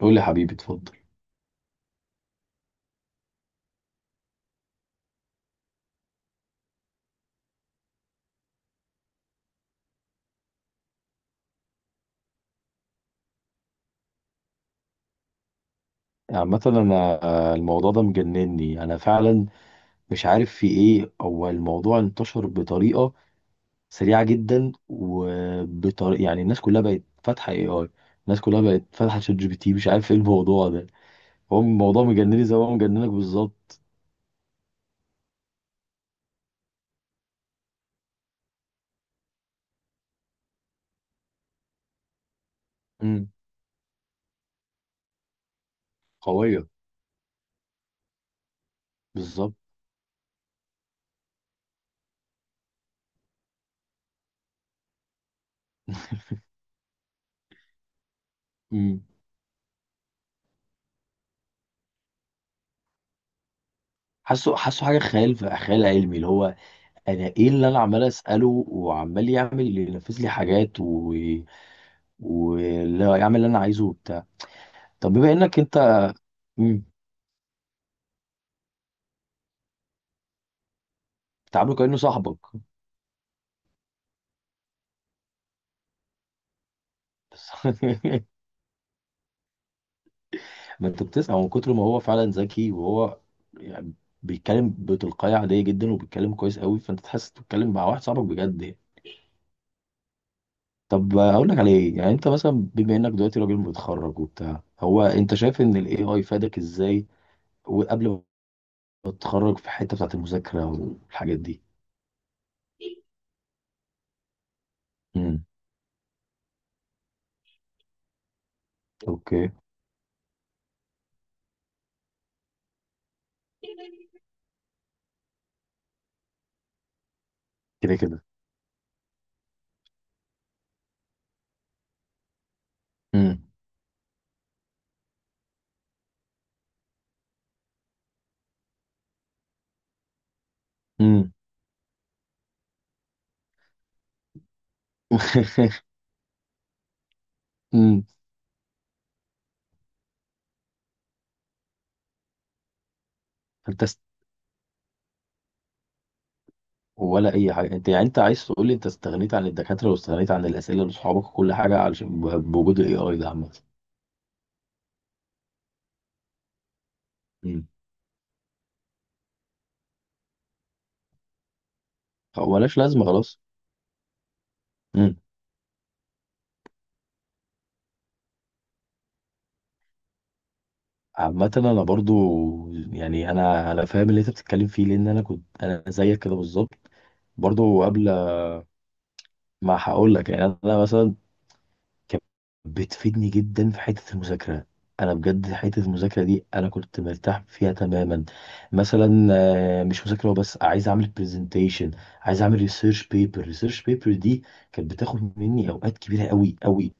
قول لي حبيبي، اتفضل. عامة انا الموضوع ده مجنني انا فعلا. مش عارف في ايه، هو الموضوع انتشر بطريقة سريعة جدا، وبطريقة يعني الناس كلها بقت فاتحة اي اي. الناس كلها بقت فاتحة شات جي بي تي، مش عارف ايه الموضوع ده. هو الموضوع مجنني زي ما هو مجننك بالظبط. امم. قوية. بالظبط. امم. حاسه حاسه حاجة خيال علمي، اللي هو انا ايه اللي انا عمال اسأله، وعمال يعمل ينفذ لي حاجات و ولا يعمل اللي انا عايزه وبتاع. طب بما انك انت مم، بتعامله كأنه صاحبك. بس ما انت بتسمع، من كتر ما هو فعلا ذكي وهو يعني بيتكلم بتلقائية عادية جدا، وبيتكلم كويس قوي، فانت تحس بتتكلم مع واحد صاحبك بجد يعني. طب اقول لك على ايه؟ يعني انت مثلا بما انك دلوقتي راجل متخرج وبتاع، هو انت شايف ان الاي اي فادك ازاي؟ وقبل ما تتخرج في الحتة بتاعت المذاكرة والحاجات دي؟ امم. اوكي. كده كده. امم. امم. امم. فانت ولا اي حاجه، انت يعني انت عايز تقول لي انت استغنيت عن الدكاتره، واستغنيت عن الاسئله لاصحابك وكل حاجه، علشان بوجود الاي اي ده عامه؟ امم. فمالهاش لازمه خلاص. امم. عامه انا برضو، يعني انا فاهم اللي انت بتتكلم فيه، لان انا كنت انا زيك كده بالظبط. برضو قبل ما هقول لك، يعني انا مثلا كانت بتفيدني جدا في حتة المذاكرة. أنا بجد حتة المذاكرة دي أنا كنت مرتاح فيها تماما. مثلا مش مذاكرة بس، عايز أعمل برزنتيشن، عايز أعمل ريسيرش بيبر. ريسيرش بيبر دي كانت بتاخد مني أوقات كبيرة أوي أوي.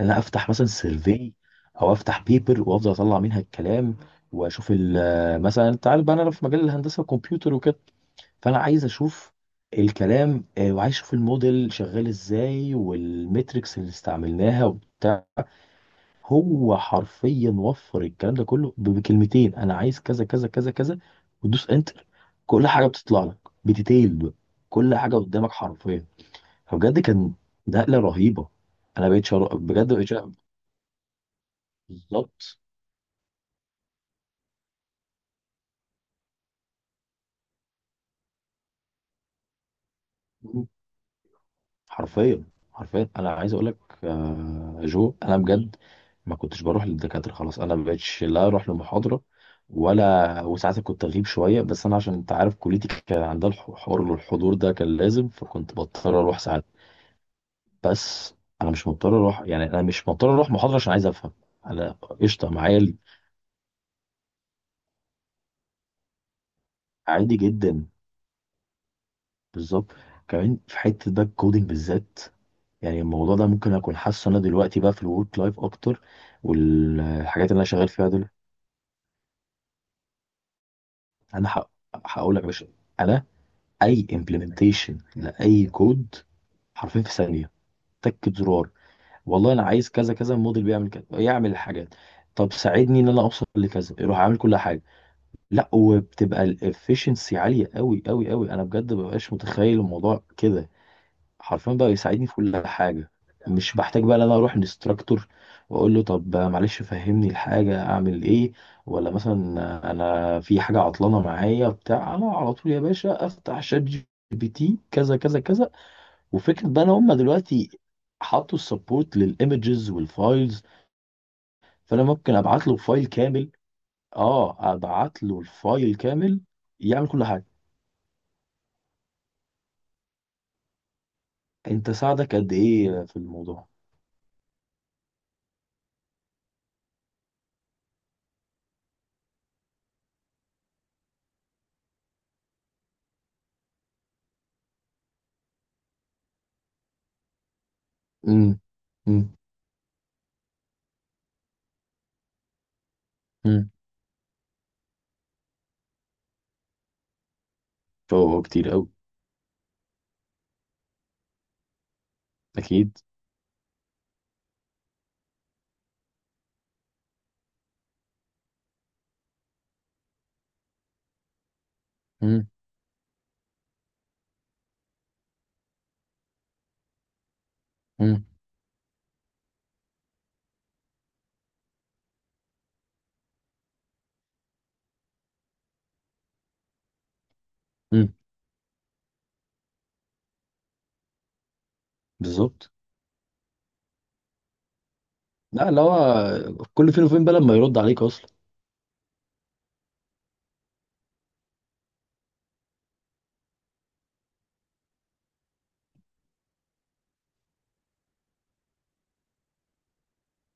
إن أنا أفتح مثلا سيرفي، أو أفتح بيبر وأفضل أطلع منها الكلام، وأشوف مثلا أنت عارف بقى أنا في مجال الهندسة والكمبيوتر وكده، فأنا عايز أشوف الكلام. وعايز أشوف الموديل شغال إزاي، والميتريكس اللي استعملناها وبتاع. هو حرفيا وفر الكلام ده كله بكلمتين، انا عايز كذا كذا كذا كذا، وتدوس انتر، كل حاجه بتطلع لك بديتيل بقى. كل حاجه قدامك حرفيا. فبجد كان نقله رهيبه. بجد بقيت شر... بالظبط. حرفيا. حرفيا انا عايز اقول لك، جو، انا بجد ما كنتش بروح للدكاتره خلاص، انا ما بقتش لا اروح لمحاضره ولا، وساعات كنت اغيب شويه، بس انا عشان انت عارف كليتي كان عندها حوار الحضور ده كان لازم، فكنت بضطر اروح ساعات. بس انا مش مضطر اروح، يعني انا مش مضطر اروح محاضره عشان عايز افهم. انا قشطه معايا عادي جدا. بالظبط. كمان في حته بقى الكودينج بالذات، يعني الموضوع ده ممكن اكون حاسه انا دلوقتي بقى في الورك لايف اكتر، والحاجات اللي انا شغال فيها دول. انا هقول لك يا باشا. انا اي امبلمنتيشن لاي كود حرفيا في ثانيه، تكة زرار. والله انا عايز كذا كذا، الموديل بيعمل كذا، يعمل الحاجات، طب ساعدني ان انا اوصل لكذا، يروح عامل كل حاجه. لا، وبتبقى الافشنسي عاليه قوي قوي قوي، انا بجد مبقاش متخيل الموضوع كده. حرفيا بقى يساعدني في كل حاجه. مش بحتاج بقى ان انا اروح لانستراكتور واقول له، طب معلش فهمني الحاجه اعمل ايه. ولا مثلا انا في حاجه عطلانه معايا بتاع انا على طول يا باشا افتح شات جي بي تي كذا كذا كذا. وفكره بقى ان هم دلوقتي حطوا السبورت للايمجز والفايلز، فانا ممكن ابعت له فايل كامل. اه، ابعت له الفايل كامل يعمل كل حاجه. انت ساعدك قد ايه في الموضوع؟ امم. امم. امم. هو كتير قوي. اكيد. امم. امم. امم. بالظبط. لا، اللي هو كل فين وفين بقى لما يرد عليك اصلا.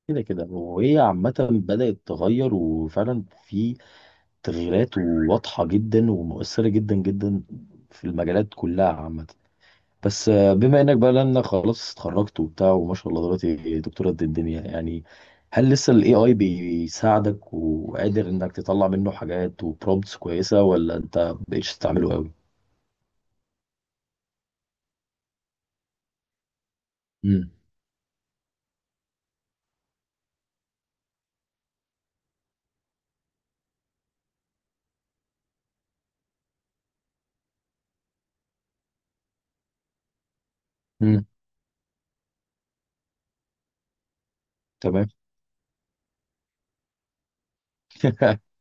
كده كده، وهي عامة بدأت تغير، وفعلا في تغييرات واضحة جدا، ومؤثرة جدا جدا في المجالات كلها عامة. بس بما انك بقى، لانك خلاص اتخرجت وبتاع، وما شاء الله دلوقتي دكتورة قد الدنيا يعني، هل لسه الاي اي بيساعدك وقادر انك تطلع منه حاجات وبرومبتس كويسة، ولا انت مبقتش تستعمله قوي؟ امم. امم. تمام.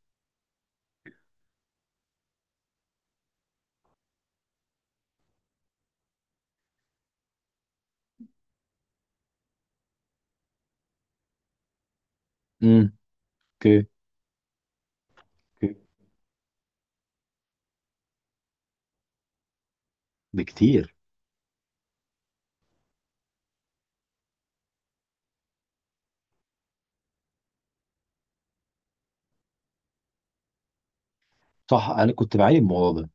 امم. اوكي. اوكي. بكتير. صح، انا كنت بعاني من الموضوع ده.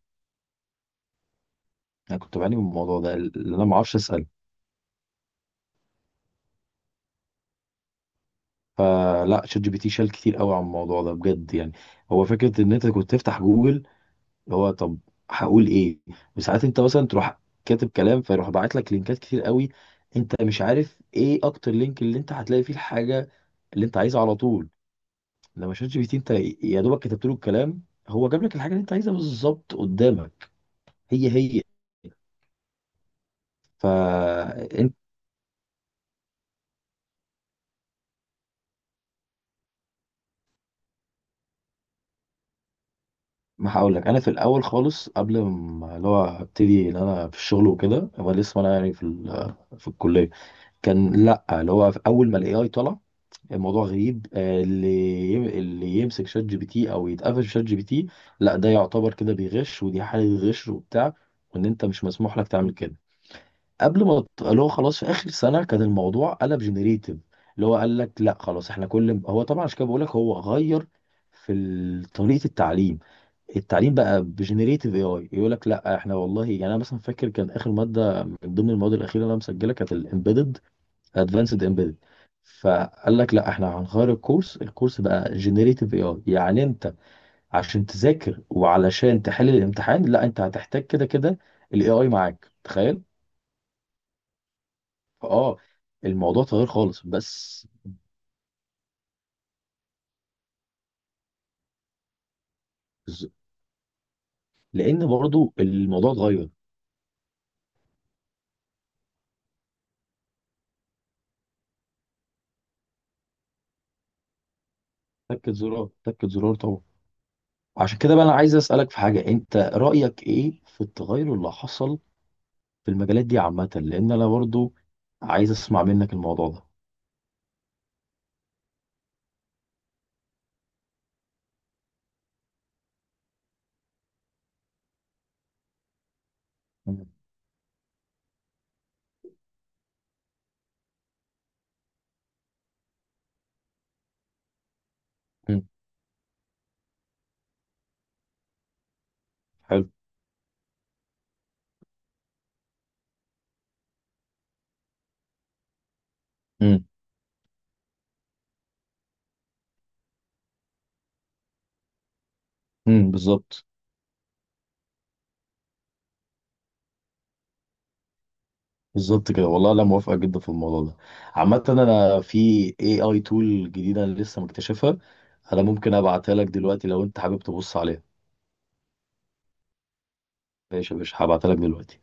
انا كنت بعاني من الموضوع ده، اللي انا ما اعرفش اسال. فلا، شات جي بي تي شال كتير قوي عن الموضوع ده بجد يعني. هو فكرة ان انت كنت تفتح جوجل، اللي هو طب هقول ايه، وساعات انت مثلا تروح كاتب كلام، فيروح باعت لك لينكات كتير قوي، انت مش عارف ايه اكتر لينك اللي انت هتلاقي فيه الحاجه اللي انت عايزها على طول. لما شات جي بي تي انت يا دوبك كتبت له الكلام، هو جاب لك الحاجه اللي انت عايزها بالظبط قدامك. هي هي. فانت ما هقول لك، انا في الاول خالص قبل ما اللي هو ابتدي ان انا في الشغل وكده، هو لسه انا يعني في الكليه كان، لا اللي هو في اول ما الاي اي طلع الموضوع غريب. اللي يمسك شات جي بي تي او يتقفش في شات جي بي تي، لا ده يعتبر كده بيغش، ودي حالة غش وبتاع، وان انت مش مسموح لك تعمل كده. قبل ما اللي هو خلاص في اخر سنة كان الموضوع قلب جنريتيف، اللي هو قال لك لا خلاص، احنا كل هو طبعا، عشان كده بقول لك هو غير طريقة التعليم. بقى بجنريتيف اي اي، يقول لك لا احنا والله، يعني انا مثلا فاكر كان اخر مادة من ضمن المواد الاخيرة اللي انا مسجلها كانت الامبيدد، ادفانسد امبيدد. فقال لك لا احنا هنغير الكورس بقى جنريتيف اي اي، يعني انت عشان تذاكر وعلشان تحل الامتحان، لا انت هتحتاج كده كده الاي اي معاك، تخيل. فاه، الموضوع اتغير خالص. بس ز- لان برضو الموضوع اتغير. تكت زرار تكت زرار طبعا. عشان كده بقى انا عايز اسالك في حاجه، انت رايك ايه في التغير اللي حصل في المجالات دي عامه؟ لان انا برضو عايز اسمع منك الموضوع ده. مم. مم. حلو. امم. بالظبط. بالظبط كده، والله انا موافقه جدا في الموضوع ده. عامه انا في اي اي تول جديده أنا لسه مكتشفها، انا ممكن ابعتها لك دلوقتي لو انت حابب تبص عليها. ماشي يا باشا، هبعتها لك دلوقتي.